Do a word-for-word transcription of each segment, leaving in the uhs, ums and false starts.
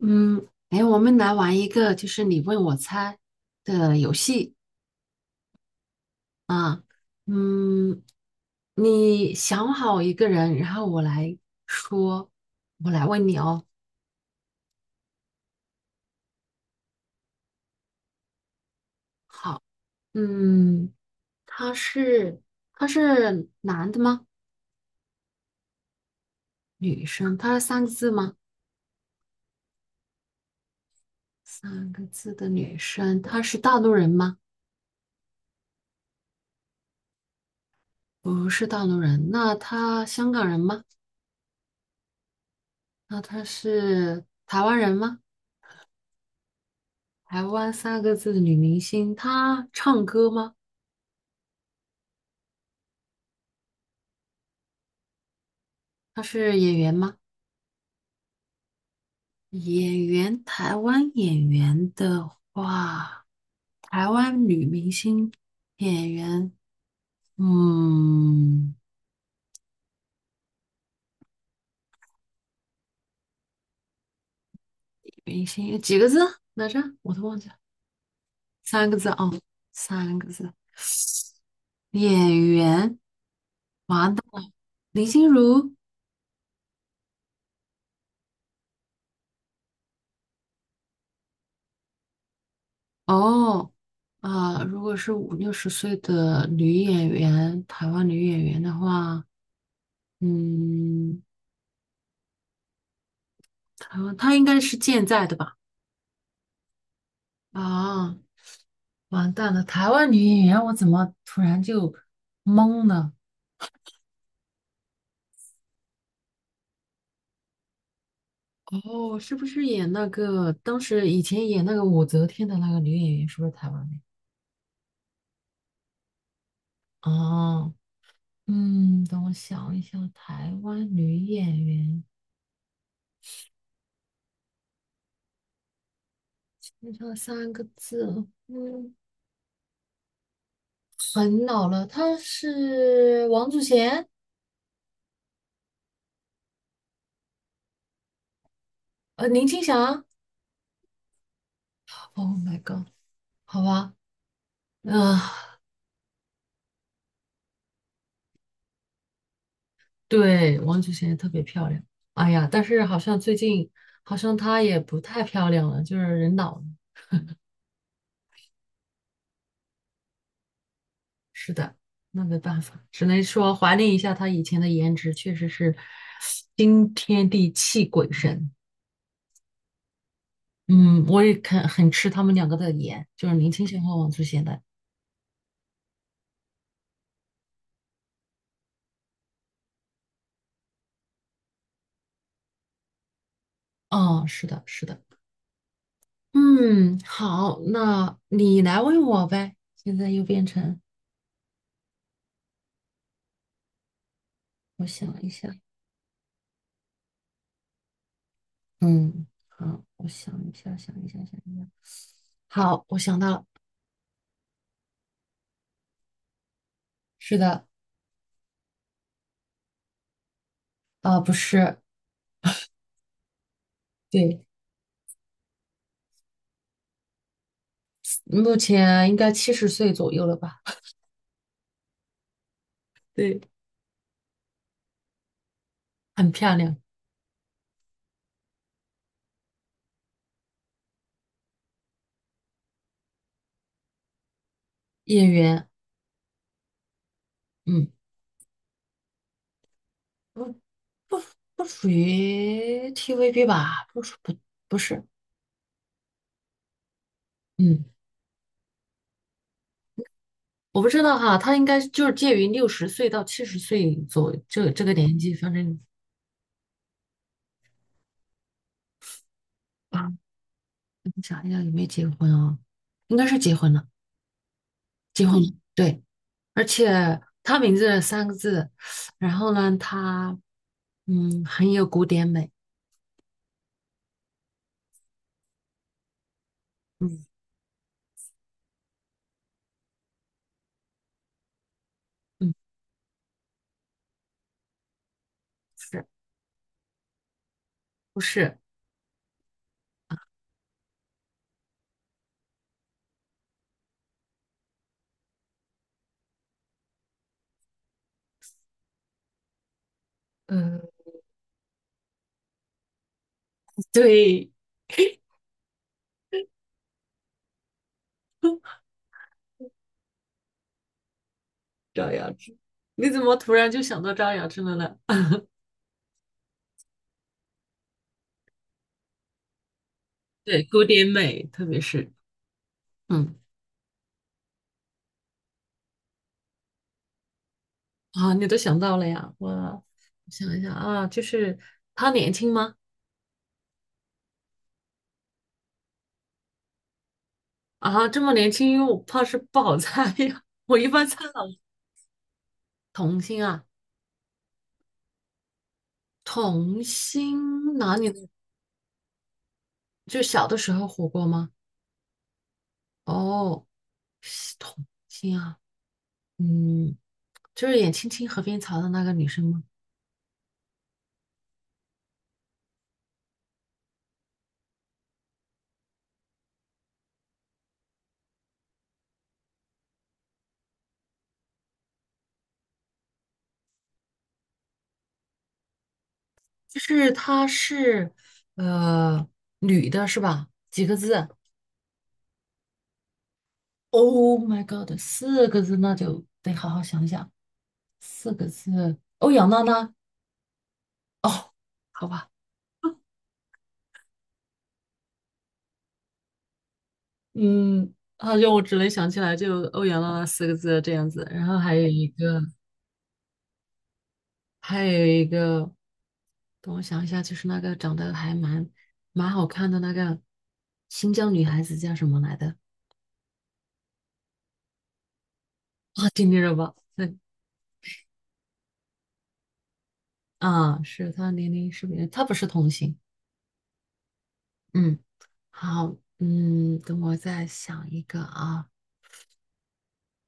嗯，哎，我们来玩一个就是你问我猜的游戏。嗯，你想好一个人，然后我来说，我来问你哦。好，嗯，他是他是男的吗？女生，他是三个字吗？三个字的女生，她是大陆人吗？不是大陆人，那她香港人吗？那她是台湾人吗？台湾三个字的女明星，她唱歌吗？她是演员吗？演员，台湾演员的话，台湾女明星演员，嗯，明星几个字来着？我都忘记了，三个字哦，三个字。演员，完蛋了，林心如。哦，啊、如果是五六十岁的女演员，台湾女演员的话，嗯，台湾她应该是健在的吧？啊。完蛋了，台湾女演员，我怎么突然就懵了？哦，是不是演那个当时以前演那个武则天的那个女演员，是不是台湾的？哦，嗯，等我想一想，台湾女演员，就这三个字哦，嗯，很老了，她是王祖贤，呃，林青霞。Oh my god，好吧，嗯、对，王祖贤也特别漂亮。哎呀，但是好像最近好像她也不太漂亮了，就是人老了。是的，那没办法，只能说怀念一下她以前的颜值，确实是惊天地泣鬼神。嗯，我也很很吃他们两个的颜，就是林青霞和王祖贤的。哦，是的，是的。嗯，好，那你来问我呗。现在又变成我想一下，嗯，好，我想一下，想一下，想一下。好，我想到了。是的，啊、不是，对，目前应该七十岁左右了吧，对，很漂亮，演员，嗯，不不不属于 T V B 吧，不属不不是，嗯，我不知道哈，他应该就是介于六十岁到七十岁左这这个年纪，反正啊，我想一下有没有结婚啊，应该是结婚了，结婚了，对，而且他名字三个字，然后呢，他嗯很有古典美，嗯嗯。是。不是，嗯 对，赵雅芝，你怎么突然就想到赵雅芝了呢？对，古典美，特别是，嗯，啊，你都想到了呀？我我想一想啊，就是她年轻吗？啊，这么年轻，因为我怕是不好猜呀。我一般猜老童星啊，童星哪里的？就小的时候火过吗？哦，是童星啊，嗯，就是演《青青河边草》的那个女生吗？就是她是呃女的是吧？几个字？Oh my god，四个字那就得好好想想，四个字。欧阳娜娜哦，好吧，嗯，好像我只能想起来就欧阳娜娜四个字这样子，然后还有一个，还有一个，等我想一下，就是那个长得还蛮蛮好看的那个新疆女孩子叫什么来的？啊，丁丁热巴，对啊，是她年龄是不是？她不是童星。嗯。好，嗯，等我再想一个啊，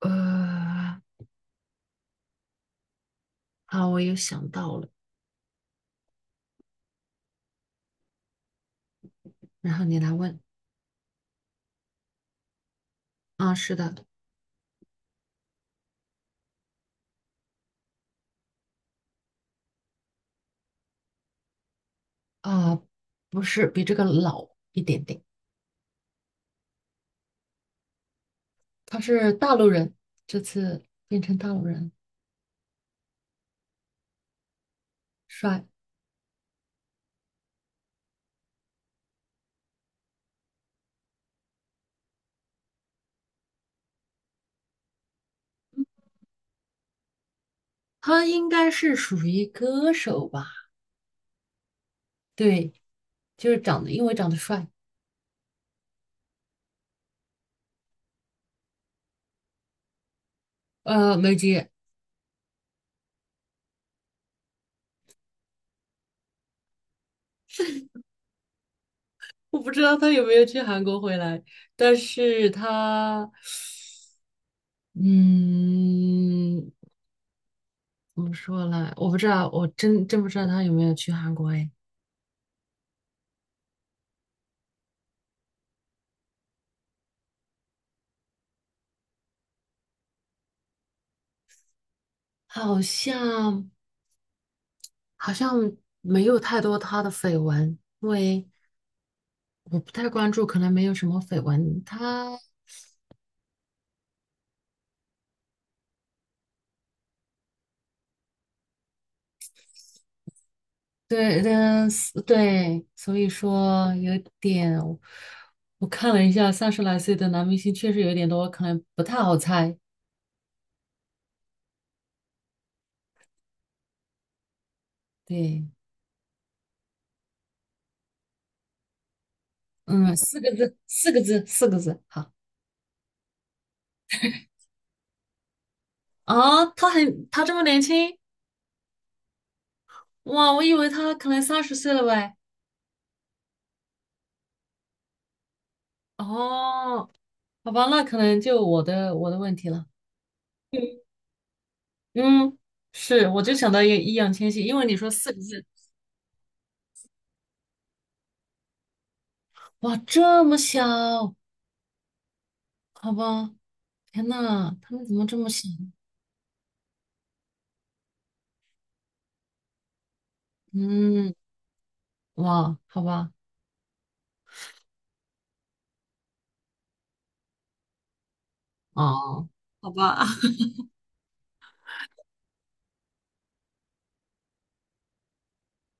呃，好，我又想到了，然后你来问啊，是的，啊，不是，比这个老一点点，他是大陆人，这次变成大陆人，帅，他应该是属于歌手吧？对，就是长得，因为长得帅，呃，梅姐，我不知道他有没有去韩国回来，但是他，嗯。怎么说呢？我不知道，我真真不知道他有没有去韩国哎，好像好像没有太多他的绯闻，因为我不太关注，可能没有什么绯闻。他对嗯是对，所以说有点，我看了一下，三十来岁的男明星确实有点多，可能不太好猜。对，嗯，四个字，四个字，四个字，好啊，他很他这么年轻哇，我以为他可能三十岁了喂。哦，好吧，那可能就我的我的问题了。嗯，嗯，是，我就想到一个易烊千玺，因为你说四个字，哇，这么小，好吧，天呐，他们怎么这么小？嗯，哇，好吧，哦，好吧，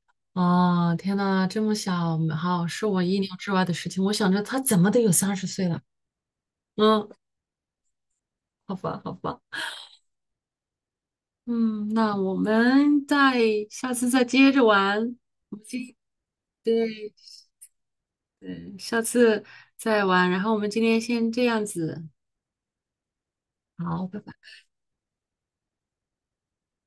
啊，天呐，这么小，好，是我意料之外的事情。我想着他怎么得有三十岁了，嗯，好吧，好吧，嗯，那我们再下次再接着玩。我们今对，嗯，下次再玩。然后我们今天先这样子，好，拜拜。